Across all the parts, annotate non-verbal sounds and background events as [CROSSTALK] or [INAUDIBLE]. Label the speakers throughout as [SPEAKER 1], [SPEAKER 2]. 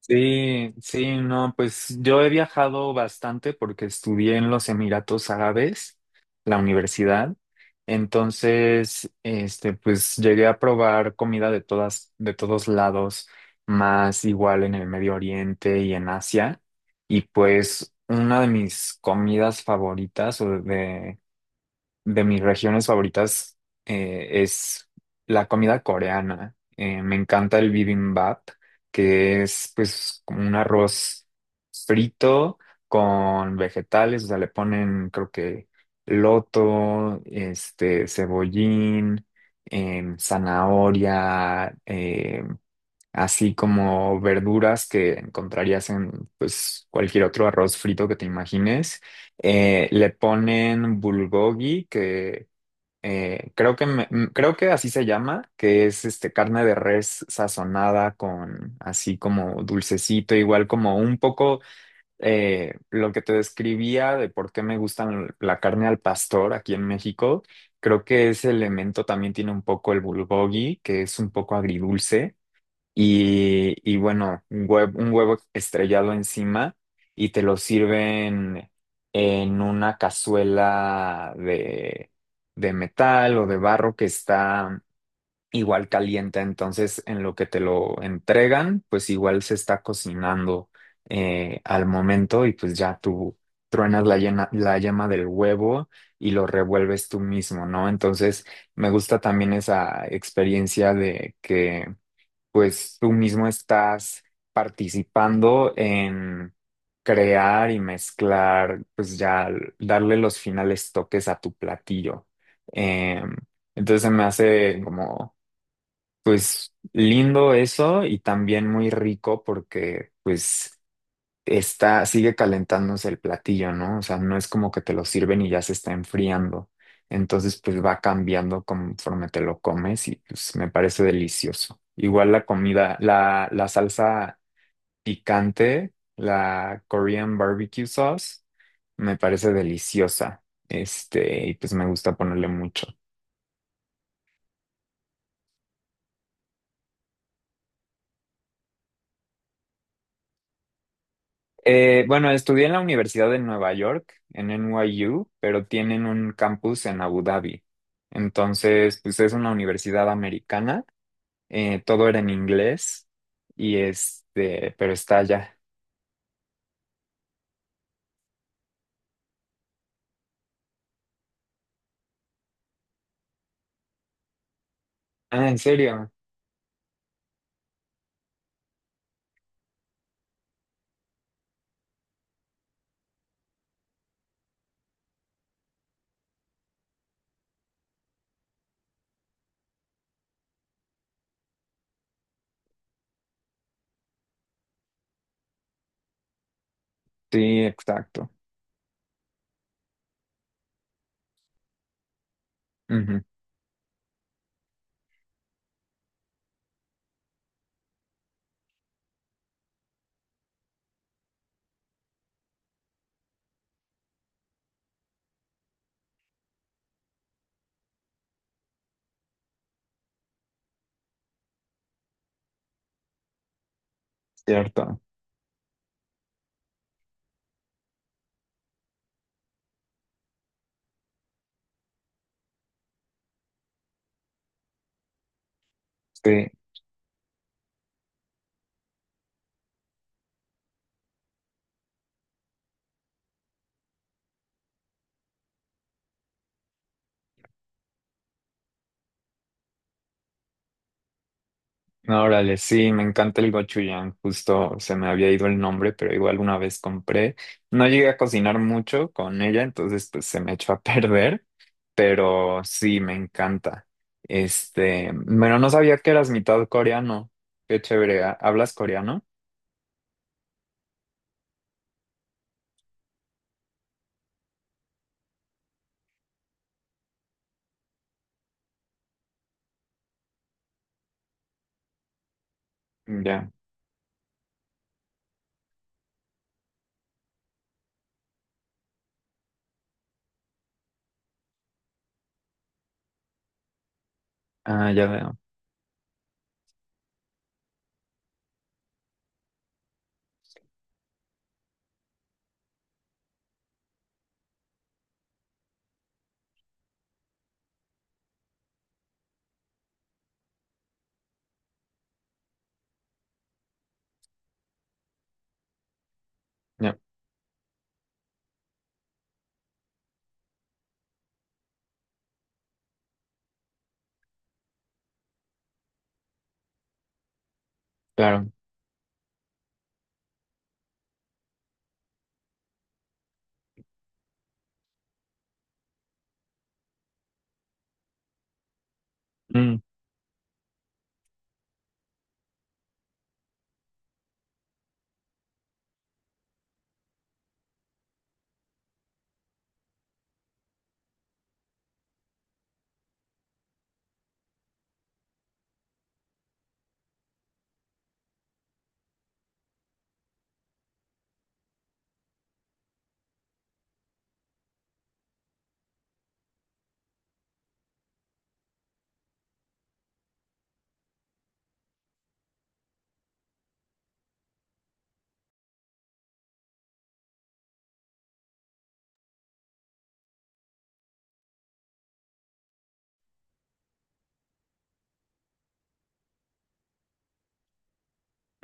[SPEAKER 1] Sí, sí, no, pues yo he viajado bastante porque estudié en los Emiratos Árabes, la universidad. Entonces, pues llegué a probar comida de todos lados, más igual en el Medio Oriente y en Asia. Y pues una de mis comidas favoritas o de mis regiones favoritas es la comida coreana. Me encanta el bibimbap, que es pues como un arroz frito con vegetales. O sea, le ponen creo que loto, cebollín, zanahoria, así como verduras que encontrarías en pues cualquier otro arroz frito que te imagines. Le ponen bulgogi, que creo que creo que así se llama, que es este carne de res sazonada con así como dulcecito, igual como un poco lo que te describía de por qué me gustan la carne al pastor aquí en México. Creo que ese elemento también tiene un poco el bulgogi, que es un poco agridulce y bueno, un huevo estrellado encima y te lo sirven en una cazuela de metal o de barro que está igual caliente. Entonces, en lo que te lo entregan, pues igual se está cocinando al momento y pues ya tú truenas la yema del huevo y lo revuelves tú mismo, ¿no? Entonces, me gusta también esa experiencia de que pues tú mismo estás participando en crear y mezclar, pues ya darle los finales toques a tu platillo. Eh, entonces se me hace como pues lindo eso, y también muy rico porque pues está, sigue calentándose el platillo, ¿no? O sea, no es como que te lo sirven y ya se está enfriando. Entonces, pues va cambiando conforme te lo comes y pues me parece delicioso. Igual la comida, la salsa picante, la Korean barbecue sauce, me parece deliciosa. Y pues me gusta ponerle mucho. Bueno, estudié en la Universidad de Nueva York, en NYU, pero tienen un campus en Abu Dhabi. Entonces, pues es una universidad americana, todo era en inglés, y este, pero está allá. Ah, ¿en serio? Sí, exacto. Ujú, cierto. Sí. No. Órale, sí, me encanta el gochujang, justo se me había ido el nombre, pero igual una vez compré. No llegué a cocinar mucho con ella, entonces pues se me echó a [LAUGHS] perder, pero sí, me encanta. Este, bueno, no sabía que eras mitad coreano. Qué chévere, ¿hablas coreano? Mm, ya. Ah, ya veo, ya, claro. Mm,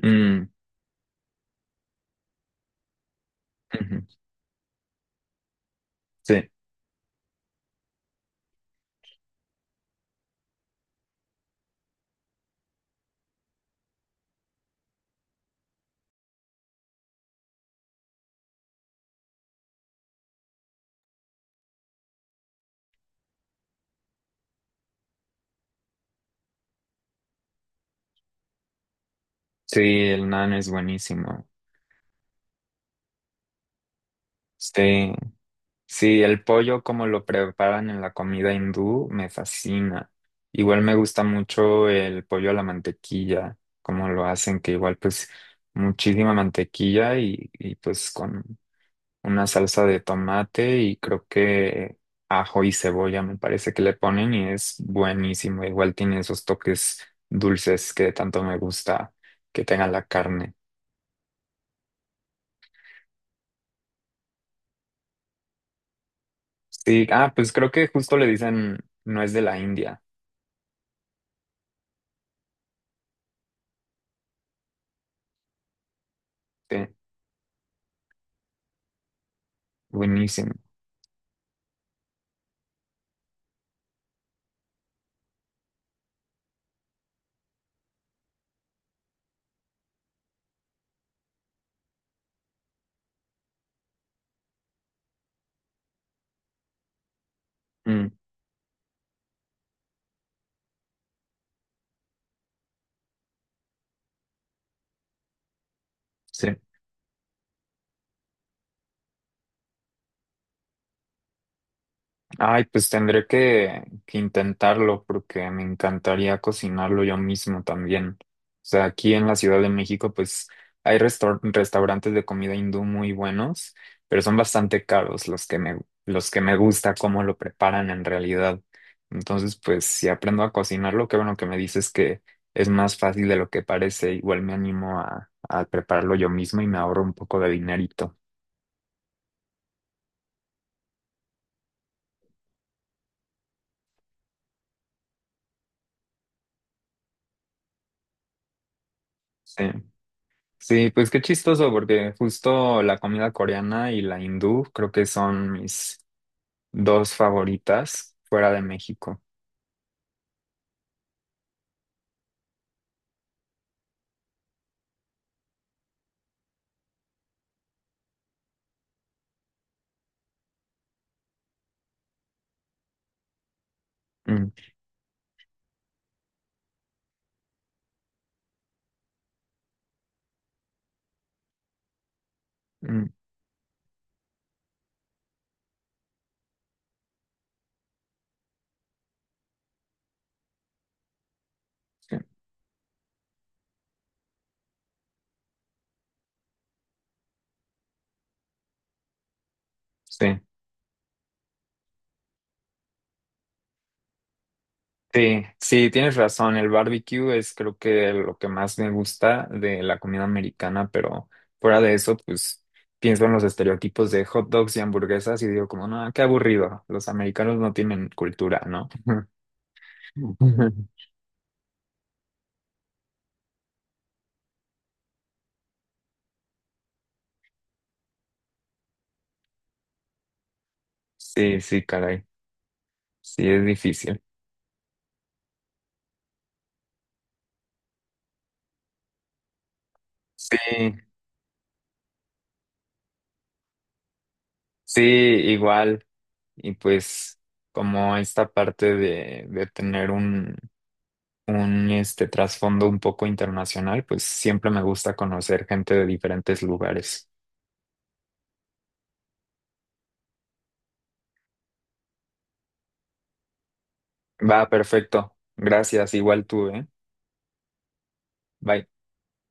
[SPEAKER 1] mm, ujú. Sí, sí, el nan es buenísimo. Sí. Sí, el pollo como lo preparan en la comida hindú me fascina. Igual me gusta mucho el pollo a la mantequilla, como lo hacen, que igual pues muchísima mantequilla, y pues con una salsa de tomate y creo que ajo y cebolla me parece que le ponen, y es buenísimo. Igual tiene esos toques dulces que tanto me gusta que tenga la carne. Sí, ah, pues creo que justo le dicen, no es de la India. Sí, buenísimo. Mm. Sí. Ay, pues tendré que intentarlo porque me encantaría cocinarlo yo mismo también. O sea, aquí en la Ciudad de México, pues hay restaurantes de comida hindú muy buenos, pero son bastante caros los que me gusta cómo lo preparan en realidad. Entonces, pues si aprendo a cocinarlo, qué bueno que me dices que es más fácil de lo que parece. Igual me animo a prepararlo yo mismo y me ahorro un poco de dinerito. Sí. Sí, pues qué chistoso, porque justo la comida coreana y la hindú creo que son mis dos favoritas fuera de México. Mm, mm, sí, sí, sí, tienes razón. El barbecue es creo que lo que más me gusta de la comida americana, pero fuera de eso, pues pienso en los estereotipos de hot dogs y hamburguesas y digo como, no, qué aburrido. Los americanos no tienen cultura, ¿no? [LAUGHS] Sí, sí, caray. Sí, es difícil. Sí, sí, igual. Y pues como esta parte de tener un este trasfondo un poco internacional, pues siempre me gusta conocer gente de diferentes lugares. Va, perfecto. Gracias, igual tú, ¿eh? Bye.